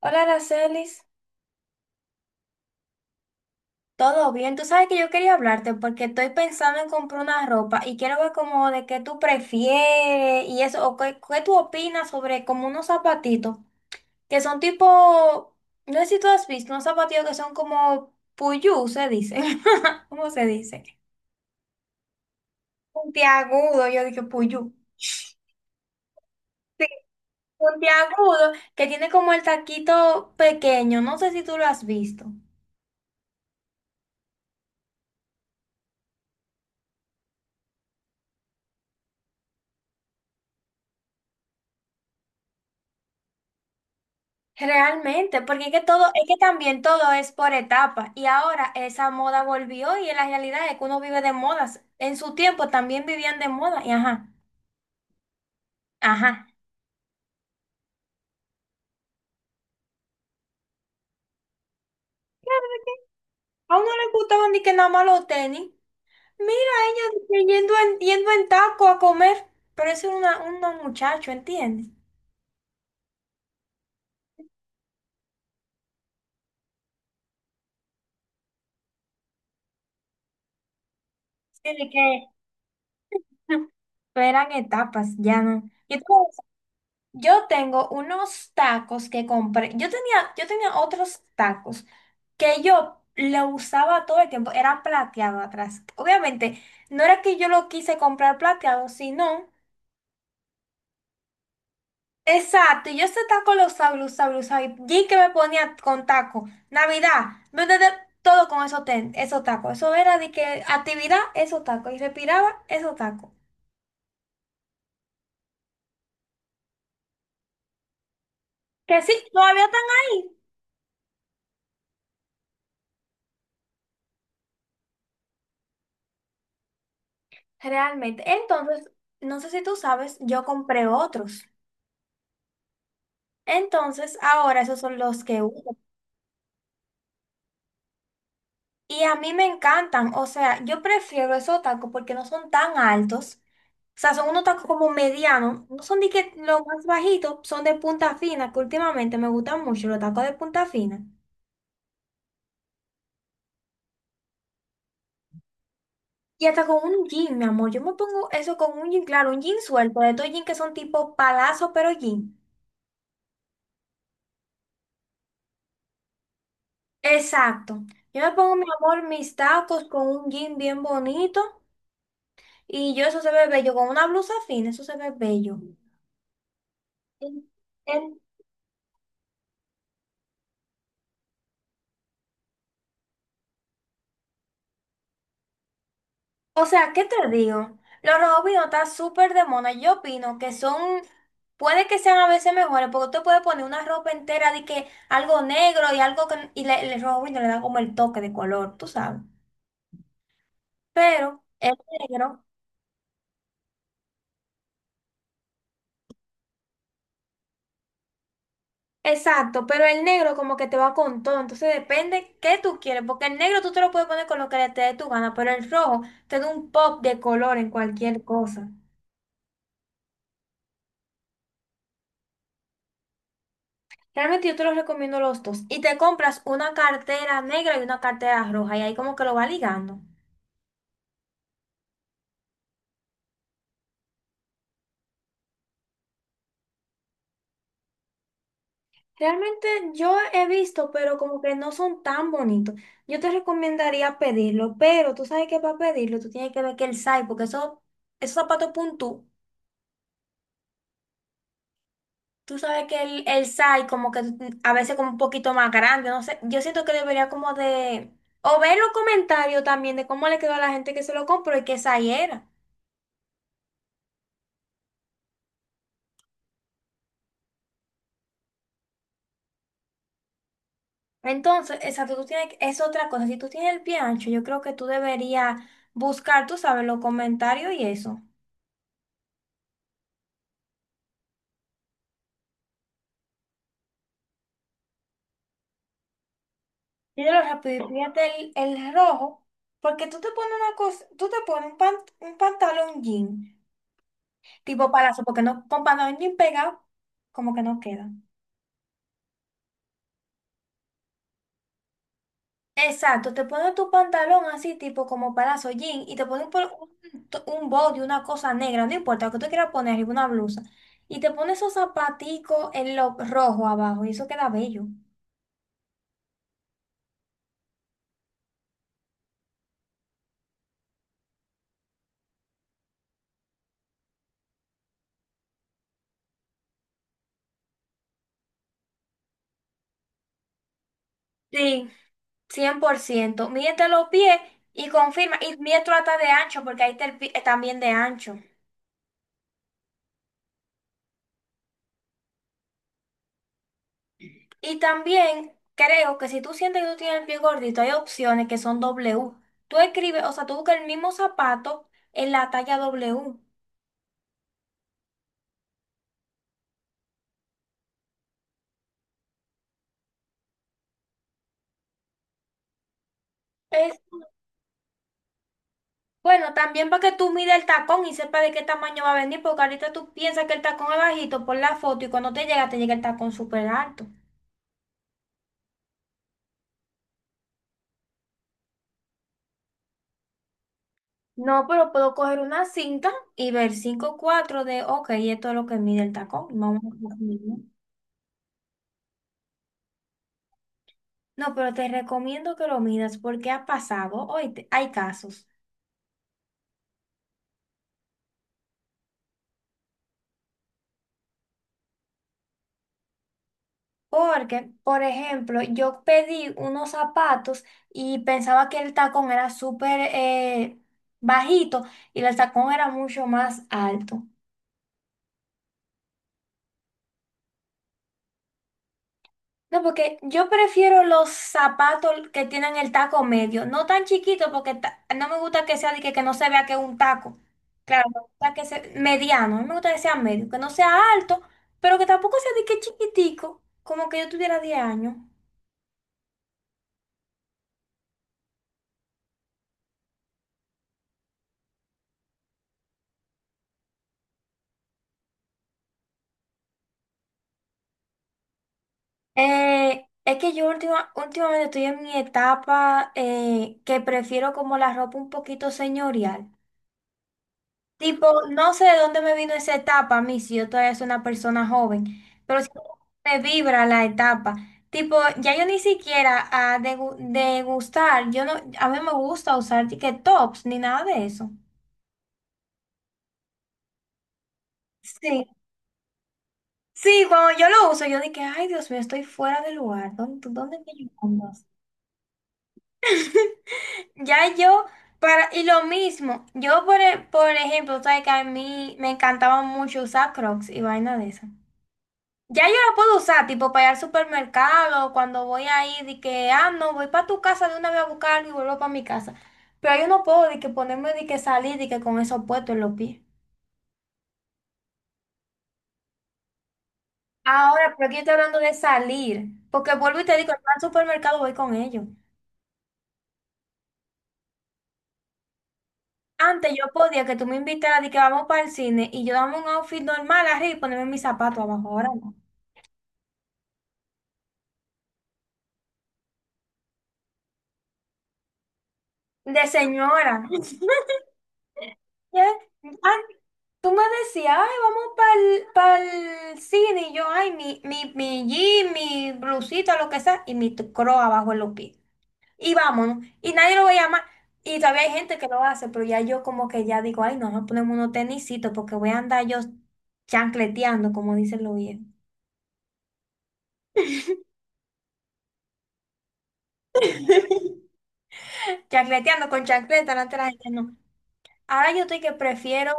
Hola, Aracelis. ¿Todo bien? Tú sabes que yo quería hablarte porque estoy pensando en comprar una ropa y quiero ver como de qué tú prefieres y eso, o qué tú opinas sobre como unos zapatitos que son tipo, no sé si tú has visto, unos zapatitos que son como puyú, se dice. ¿Cómo se dice? Puntiagudo, yo dije puyú. Sí, puntiagudo, que tiene como el taquito pequeño, no sé si tú lo has visto. Realmente, porque es que todo, es que también todo es por etapas y ahora esa moda volvió y la realidad es que uno vive de modas. En su tiempo también vivían de moda y ajá, ajá. A uno le gustaban ni que nada más los tenis. Mira ella de que yendo en taco a comer, pero eso es una muchacho, ¿entiendes? Sí, de que eran etapas, ya no. Y tú Yo tengo unos tacos que compré. Yo tenía otros tacos que yo lo usaba todo el tiempo. Era plateado atrás. Obviamente, no era que yo lo quise comprar plateado, sino. Exacto, y yo ese taco lo usaba, lo usaba, lo usaba. Y que me ponía con taco. Navidad, todo con esos tacos. Eso era de que actividad, esos tacos. Y respiraba, esos tacos. Que sí, todavía están ahí. Realmente. Entonces, no sé si tú sabes, yo compré otros. Entonces, ahora esos son los que uso. Y a mí me encantan. O sea, yo prefiero esos tacos porque no son tan altos. O sea, son unos tacos como medianos. No son de que los más bajitos, son de punta fina, que últimamente me gustan mucho los tacos de punta fina. Y hasta con un jean, mi amor. Yo me pongo eso con un jean, claro, un jean suelto, de estos jeans que son tipo palazo, pero jean. Exacto. Yo me pongo, mi amor, mis tacos con un jean bien bonito. Y yo, eso se ve bello. Con una blusa fina, eso se ve bello. En- en- o sea, ¿qué te digo? Los rojos robots están súper de moda. Yo opino que son, puede que sean a veces mejores, porque tú puedes poner una ropa entera de que algo negro y algo que, y le, el rojo vino le da como el toque de color, tú sabes. Pero el negro, exacto, pero el negro como que te va con todo. Entonces depende qué tú quieres, porque el negro tú te lo puedes poner con lo que te dé tu gana, pero el rojo te da un pop de color en cualquier cosa. Realmente yo te los recomiendo los dos. Y te compras una cartera negra y una cartera roja y ahí como que lo va ligando. Realmente yo he visto, pero como que no son tan bonitos. Yo te recomendaría pedirlo, pero tú sabes que para pedirlo tú tienes que ver que el size, porque eso, esos zapatos puntú, tú sabes que el size como que a veces como un poquito más grande, no sé. Yo siento que debería como de. O ver los comentarios también de cómo le quedó a la gente que se lo compró y qué size era. Entonces, esa, tú tienes, es otra cosa. Si tú tienes el pie ancho, yo creo que tú deberías buscar, tú sabes, los comentarios y eso. Míralo rápido y pídete el rojo, porque tú te pones un pantalón jean, tipo palazo, porque no, con pantalón jean pegado, como que no queda. Exacto, te pones tu pantalón así, tipo como palazo jean, y te pones por un body, una cosa negra, no importa, lo que tú quieras poner, arriba una blusa. Y te pones esos zapaticos en lo rojo abajo, y eso queda bello. Sí, 100%. Mídete los pies y confirma. Y mide tu hasta de ancho, porque ahí está el pie también de ancho. Y también creo que si tú sientes que tú tienes el pie gordito, hay opciones que son W. Tú escribes, o sea, tú buscas el mismo zapato en la talla W. Es, bueno, también para que tú mides el tacón y sepas de qué tamaño va a venir, porque ahorita tú piensas que el tacón es bajito por la foto y cuando te llega el tacón súper alto. No, pero puedo coger una cinta y ver 5.4 de, ok, esto es lo que mide el tacón. Vamos a cogerlo. No, pero te recomiendo que lo midas porque ha pasado, hoy hay casos. Porque, por ejemplo, yo pedí unos zapatos y pensaba que el tacón era súper bajito y el tacón era mucho más alto. No, porque yo prefiero los zapatos que tienen el taco medio, no tan chiquito porque ta- no me gusta que sea de que no se vea que es un taco. Claro, me gusta que sea mediano, a mí me gusta que sea medio, que no sea alto, pero que tampoco sea de que chiquitico, como que yo tuviera 10 años. Es que yo últimamente estoy en mi etapa que prefiero como la ropa un poquito señorial. Tipo, no sé de dónde me vino esa etapa a mí, si yo todavía soy una persona joven, pero sí me vibra la etapa. Tipo, ya yo ni siquiera a degustar, yo no, a mí me gusta usar que tops ni nada de eso. Sí, sí, cuando yo lo uso, yo dije, ay Dios mío, estoy fuera de lugar, dónde me llevas? Ya yo, para, y lo mismo, yo por ejemplo, sabes que a mí me encantaba mucho usar Crocs y vaina de esa. Ya yo la puedo usar, tipo para ir al supermercado, cuando voy ahí, de que, ah, no, voy para tu casa, de una vez a buscarlo y vuelvo para mi casa. Pero yo no puedo, de que ponerme, de que salir, de que con eso puesto en los pies. Ahora, pero aquí estoy hablando de salir, porque vuelvo y te digo, al supermercado voy con ellos. Antes yo podía que tú me invitaras de que vamos para el cine y yo dame un outfit normal arriba y ponerme mis zapatos abajo, ahora no. De señora. Ya, ah, tú me decías, ay, vamos para el cine. Y yo, ay, mi jean, mi blusita, lo que sea, y mi croc abajo en los pies. Y vámonos. Y nadie lo veía más. Y todavía hay gente que lo hace, pero ya yo como que ya digo, ay, no, nos ponemos unos tenisitos porque voy a andar yo chancleteando, como dicen los viejos. Chancleteando con chancleta delante de la gente, no. Ahora yo estoy que prefiero.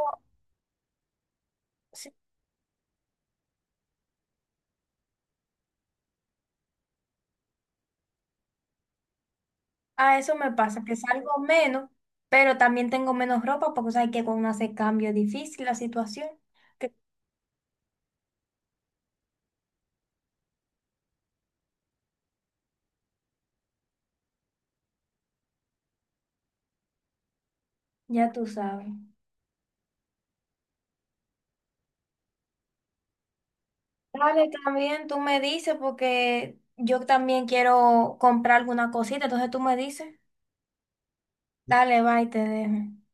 Sí, a eso me pasa, que salgo menos, pero también tengo menos ropa porque sabes que cuando hace cambio es difícil la situación, que ya tú sabes. Dale, también tú me dices porque yo también quiero comprar alguna cosita, entonces tú me dices, dale, bye, te dejo.